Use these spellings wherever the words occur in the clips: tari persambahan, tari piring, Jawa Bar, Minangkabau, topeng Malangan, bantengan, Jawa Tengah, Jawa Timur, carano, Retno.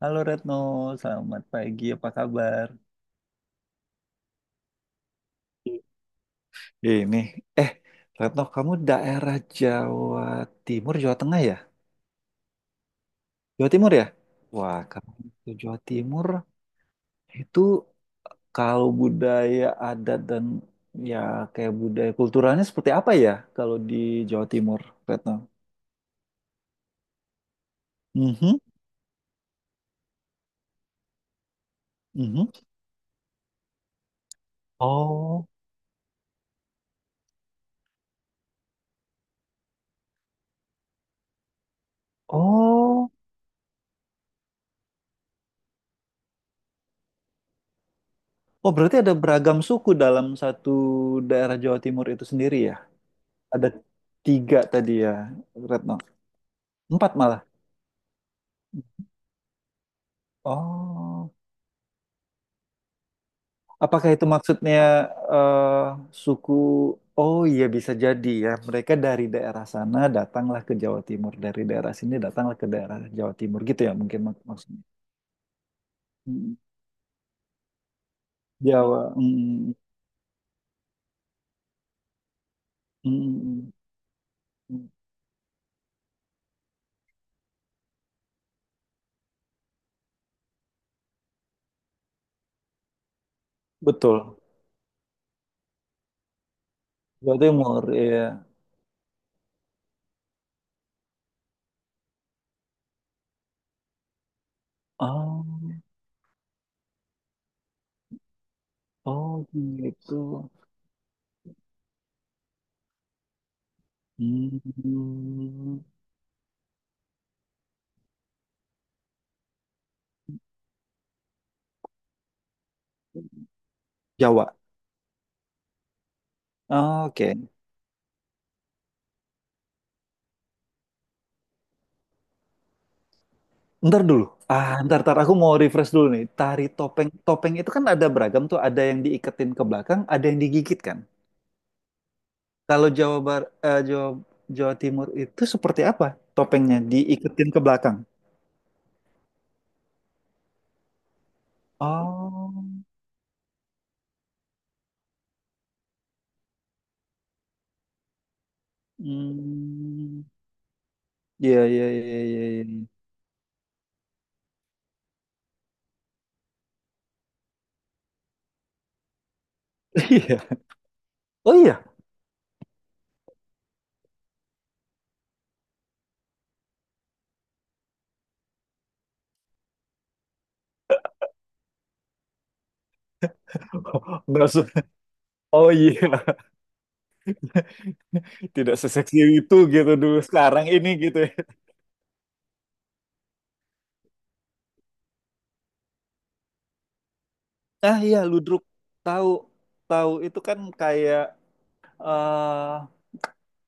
Halo Retno, selamat pagi, apa kabar? Ini, eh, Retno, kamu daerah Jawa Timur, Jawa Tengah ya? Jawa Timur ya? Wah, kamu itu Jawa Timur itu kalau budaya adat dan ya kayak budaya kulturalnya seperti apa ya kalau di Jawa Timur, Retno? Mhm, mhm. Oh, oh, oh, berarti ada beragam suku dalam satu daerah Jawa Timur itu sendiri ya? Ada tiga tadi ya, Retno. Empat malah. Oh, apakah itu maksudnya eh, suku? Oh iya bisa jadi ya. Mereka dari daerah sana datanglah ke Jawa Timur, dari daerah sini datanglah ke daerah Jawa Timur gitu ya mungkin maksudnya. Mm, Jawa. Mm, mm, mm, mm. Mm. Betul. Jawa Timur ya. Oh, oh gitu. Hmm. Jawa. Oke. Ntar dulu. Ah, ntar, ntar aku mau refresh dulu nih. Tari topeng. Topeng itu kan ada beragam tuh. Ada yang diiketin ke belakang, ada yang digigit kan. Kalau Jawa Bar, eh, Jawa, Jawa Timur itu seperti apa topengnya? Diiketin ke belakang. Oh, hmm, iya, iya, iya, iya, iya. Iya. Oh iya. Nggak se- Oh iya. Tidak seseksi itu gitu dulu. Sekarang ini gitu ya. Ah iya, ludruk. Tahu, tahu itu kan kayak eh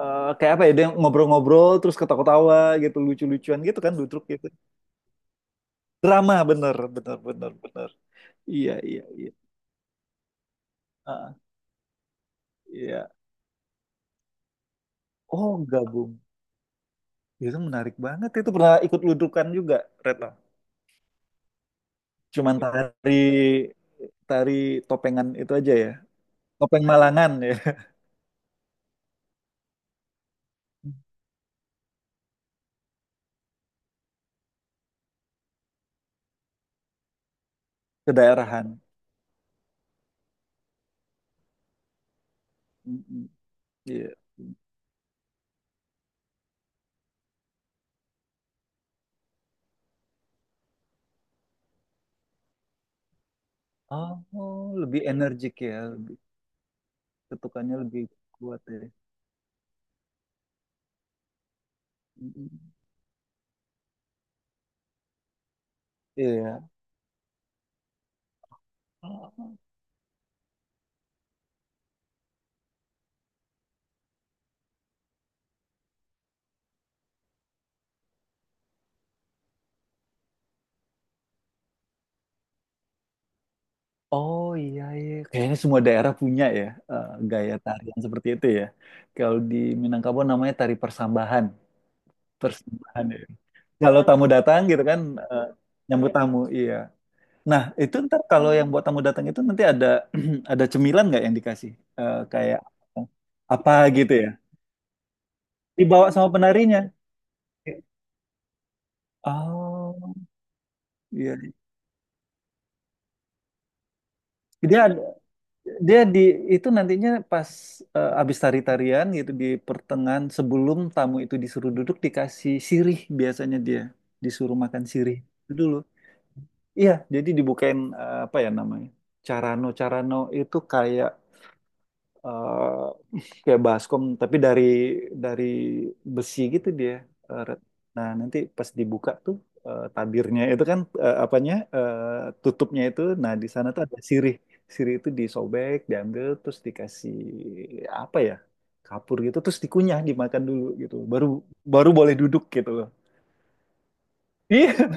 kayak apa ya dia ngobrol-ngobrol terus ketawa-ketawa gitu lucu-lucuan gitu kan ludruk gitu. Drama, bener bener bener bener, iya iya iya. Ah, iya oh gabung. Ya, itu menarik banget itu pernah ikut ludrukan juga Retno cuman tari tari topengan itu aja ya, topeng Malangan ya. Kedaerahan. Mm-mm. Iya. Oh, lebih energik ya, lebih ketukannya lebih kuat ya. Mm-mm. Iya. Oh iya iya, kayaknya semua daerah punya ya gaya tarian seperti itu ya. Kalau di Minangkabau namanya tari persambahan, persambahan ya. Kalau tamu datang gitu kan, eh, nyambut tamu, iya. Nah itu ntar kalau yang buat tamu datang itu nanti ada, ada cemilan nggak yang dikasih? Kayak apa gitu ya? Dibawa sama penarinya. Oh iya, dia ada. Dia di itu nantinya pas abis tari-tarian gitu di pertengahan sebelum tamu itu disuruh duduk dikasih sirih biasanya dia disuruh makan sirih dulu. Iya, jadi dibukain, apa ya namanya? Carano, carano itu kayak kayak baskom tapi dari besi gitu dia, Red. Nah nanti pas dibuka tuh, tabirnya itu kan, apanya, tutupnya itu nah di sana tuh ada sirih. Sirih itu disobek diambil terus dikasih apa ya kapur gitu terus dikunyah dimakan dulu gitu baru baru boleh duduk gitu loh. Iya,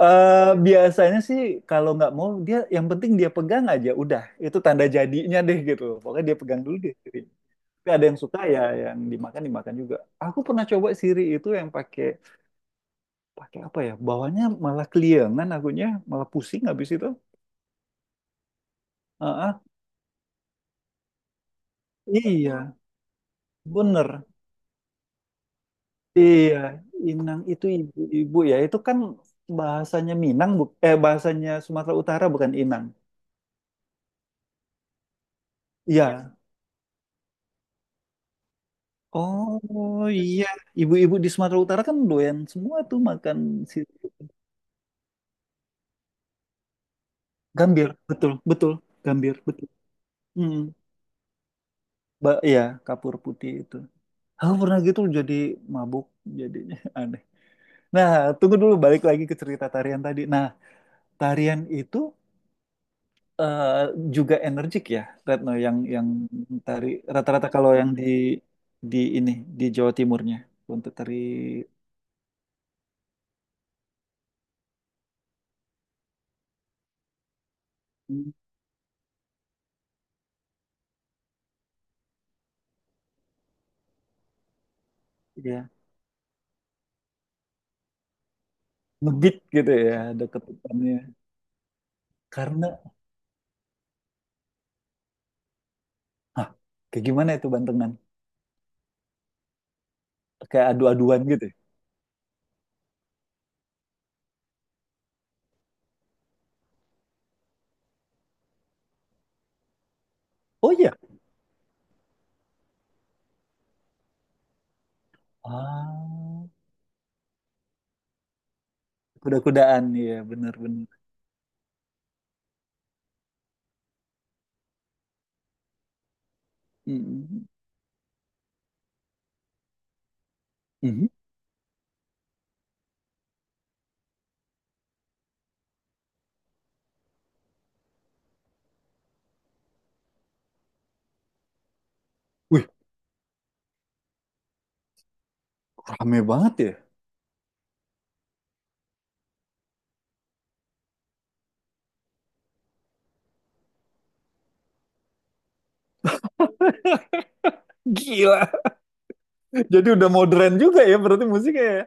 eh, biasanya sih kalau nggak mau dia yang penting dia pegang aja udah itu tanda jadinya deh gitu. Pokoknya dia pegang dulu deh. Tapi ada yang suka ya yang dimakan dimakan juga. Aku pernah coba siri itu yang pakai pakai apa ya bawahnya malah keliengan akunya malah pusing habis itu. Heeh. Iya bener. Iya, inang itu ibu-ibu ya itu kan, bahasanya Minang bu eh bahasanya Sumatera Utara bukan inang. Iya oh iya, ibu-ibu di Sumatera Utara kan doyan semua tuh makan siri, gambir, betul betul gambir betul. Hmm. Iya, kapur putih itu. Aku pernah gitu jadi mabuk, jadinya aneh. Nah, tunggu dulu balik lagi ke cerita tarian tadi. Nah, tarian itu eh, juga energik ya, Retno, yang tari rata-rata kalau yang di ini di Jawa Timurnya untuk tari ya ngebeat gitu ya, ada ketukannya. Karena ah, kayak gimana itu bantengan? Kayak adu-aduan gitu, ya? Oh iya. Ah, kuda-kudaan ya, benar-benar. Mm, mm. Mhm. Wih, rame banget ya. Gila. Jadi udah modern juga ya berarti musiknya ya.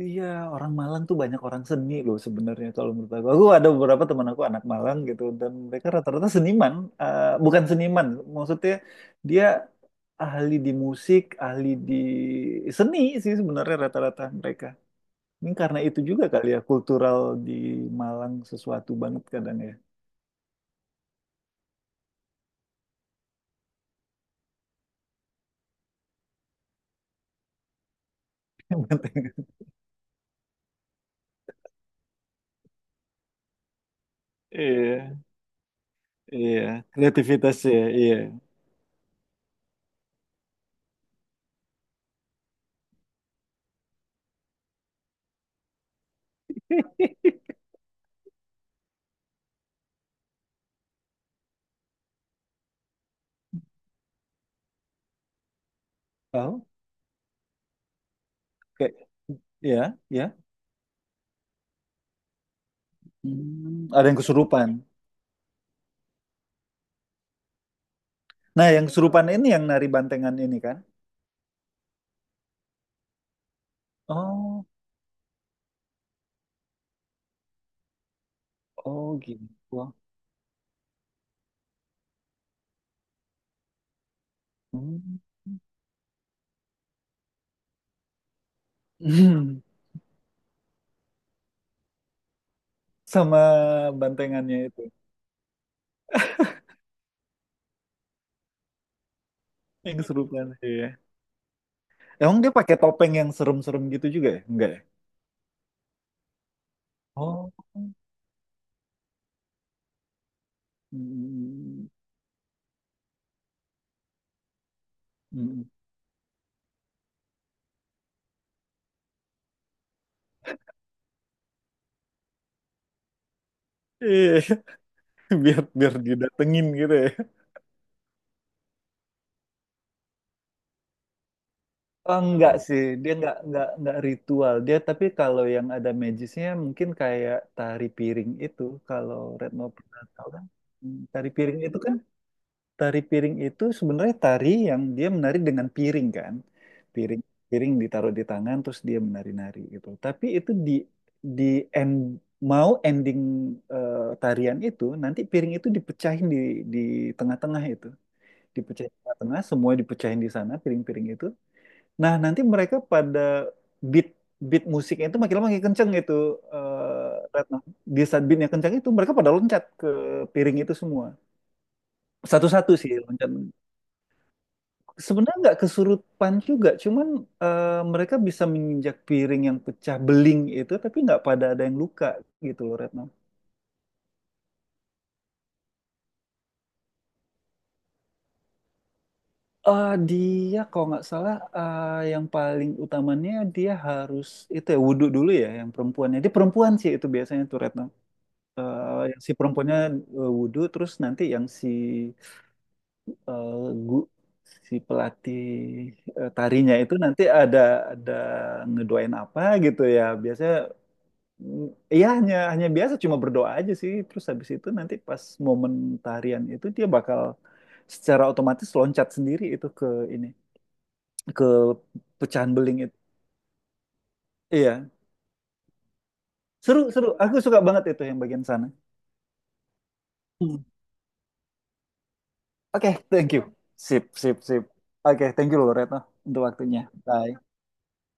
Iya, orang Malang tuh banyak orang seni loh sebenarnya kalau menurut aku. Aku ada beberapa teman aku anak Malang gitu dan mereka rata-rata seniman, eh, bukan seniman, maksudnya dia ahli di musik, ahli di seni sih sebenarnya rata-rata mereka. Ini karena itu juga kali ya kultural di Malang sesuatu banget kadang ya. Iya, iya, kreativitasnya, iya. Tahu? Iya, iya. Hmm, ada yang kesurupan. Nah, yang kesurupan ini yang nari bantengan ini kan? Oh, oh gitu. Wah. Hmm. Sama bantengannya itu. Yang kesurupan. Iya. Emang dia pakai topeng yang serem-serem gitu juga ya? Enggak ya? Oh. Hmm. Hmm. Hmm. Iya, biar biar didatengin gitu ya. Oh, enggak sih, dia enggak ritual dia. Tapi kalau yang ada magisnya mungkin kayak tari piring itu. Kalau Retno pernah tahu kan? Hmm, tari piring itu sebenarnya tari yang dia menari dengan piring kan, piring piring ditaruh di tangan terus dia menari-nari gitu. Tapi itu di end mau ending, tarian itu nanti piring itu dipecahin di tengah-tengah itu, dipecahin di tengah-tengah semua dipecahin di sana piring-piring itu. Nah, nanti mereka pada beat beat musiknya itu makin lama makin kenceng itu, Retno. Di saat beatnya kenceng itu mereka pada loncat ke piring itu semua. Satu-satu sih loncat. Sebenarnya nggak kesurupan juga, cuman mereka bisa menginjak piring yang pecah beling itu, tapi nggak pada ada yang luka gitu loh Retno. Dia kalau nggak salah, yang paling utamanya dia harus itu ya wudhu dulu ya yang perempuannya. Dia perempuan sih itu biasanya tuh Retno. Yang si perempuannya wudhu terus nanti yang si eh, gu- si pelatih tarinya itu nanti ada ngedoain apa gitu ya biasanya mm, iya hanya hanya biasa cuma berdoa aja sih terus habis itu nanti pas momen tarian itu dia bakal secara otomatis loncat sendiri itu ke ini ke pecahan beling itu. Iya, seru seru aku suka banget itu yang bagian sana. Oke, thank you. Sip, sip, sip. Oke, thank you loh Retno untuk waktunya. Bye.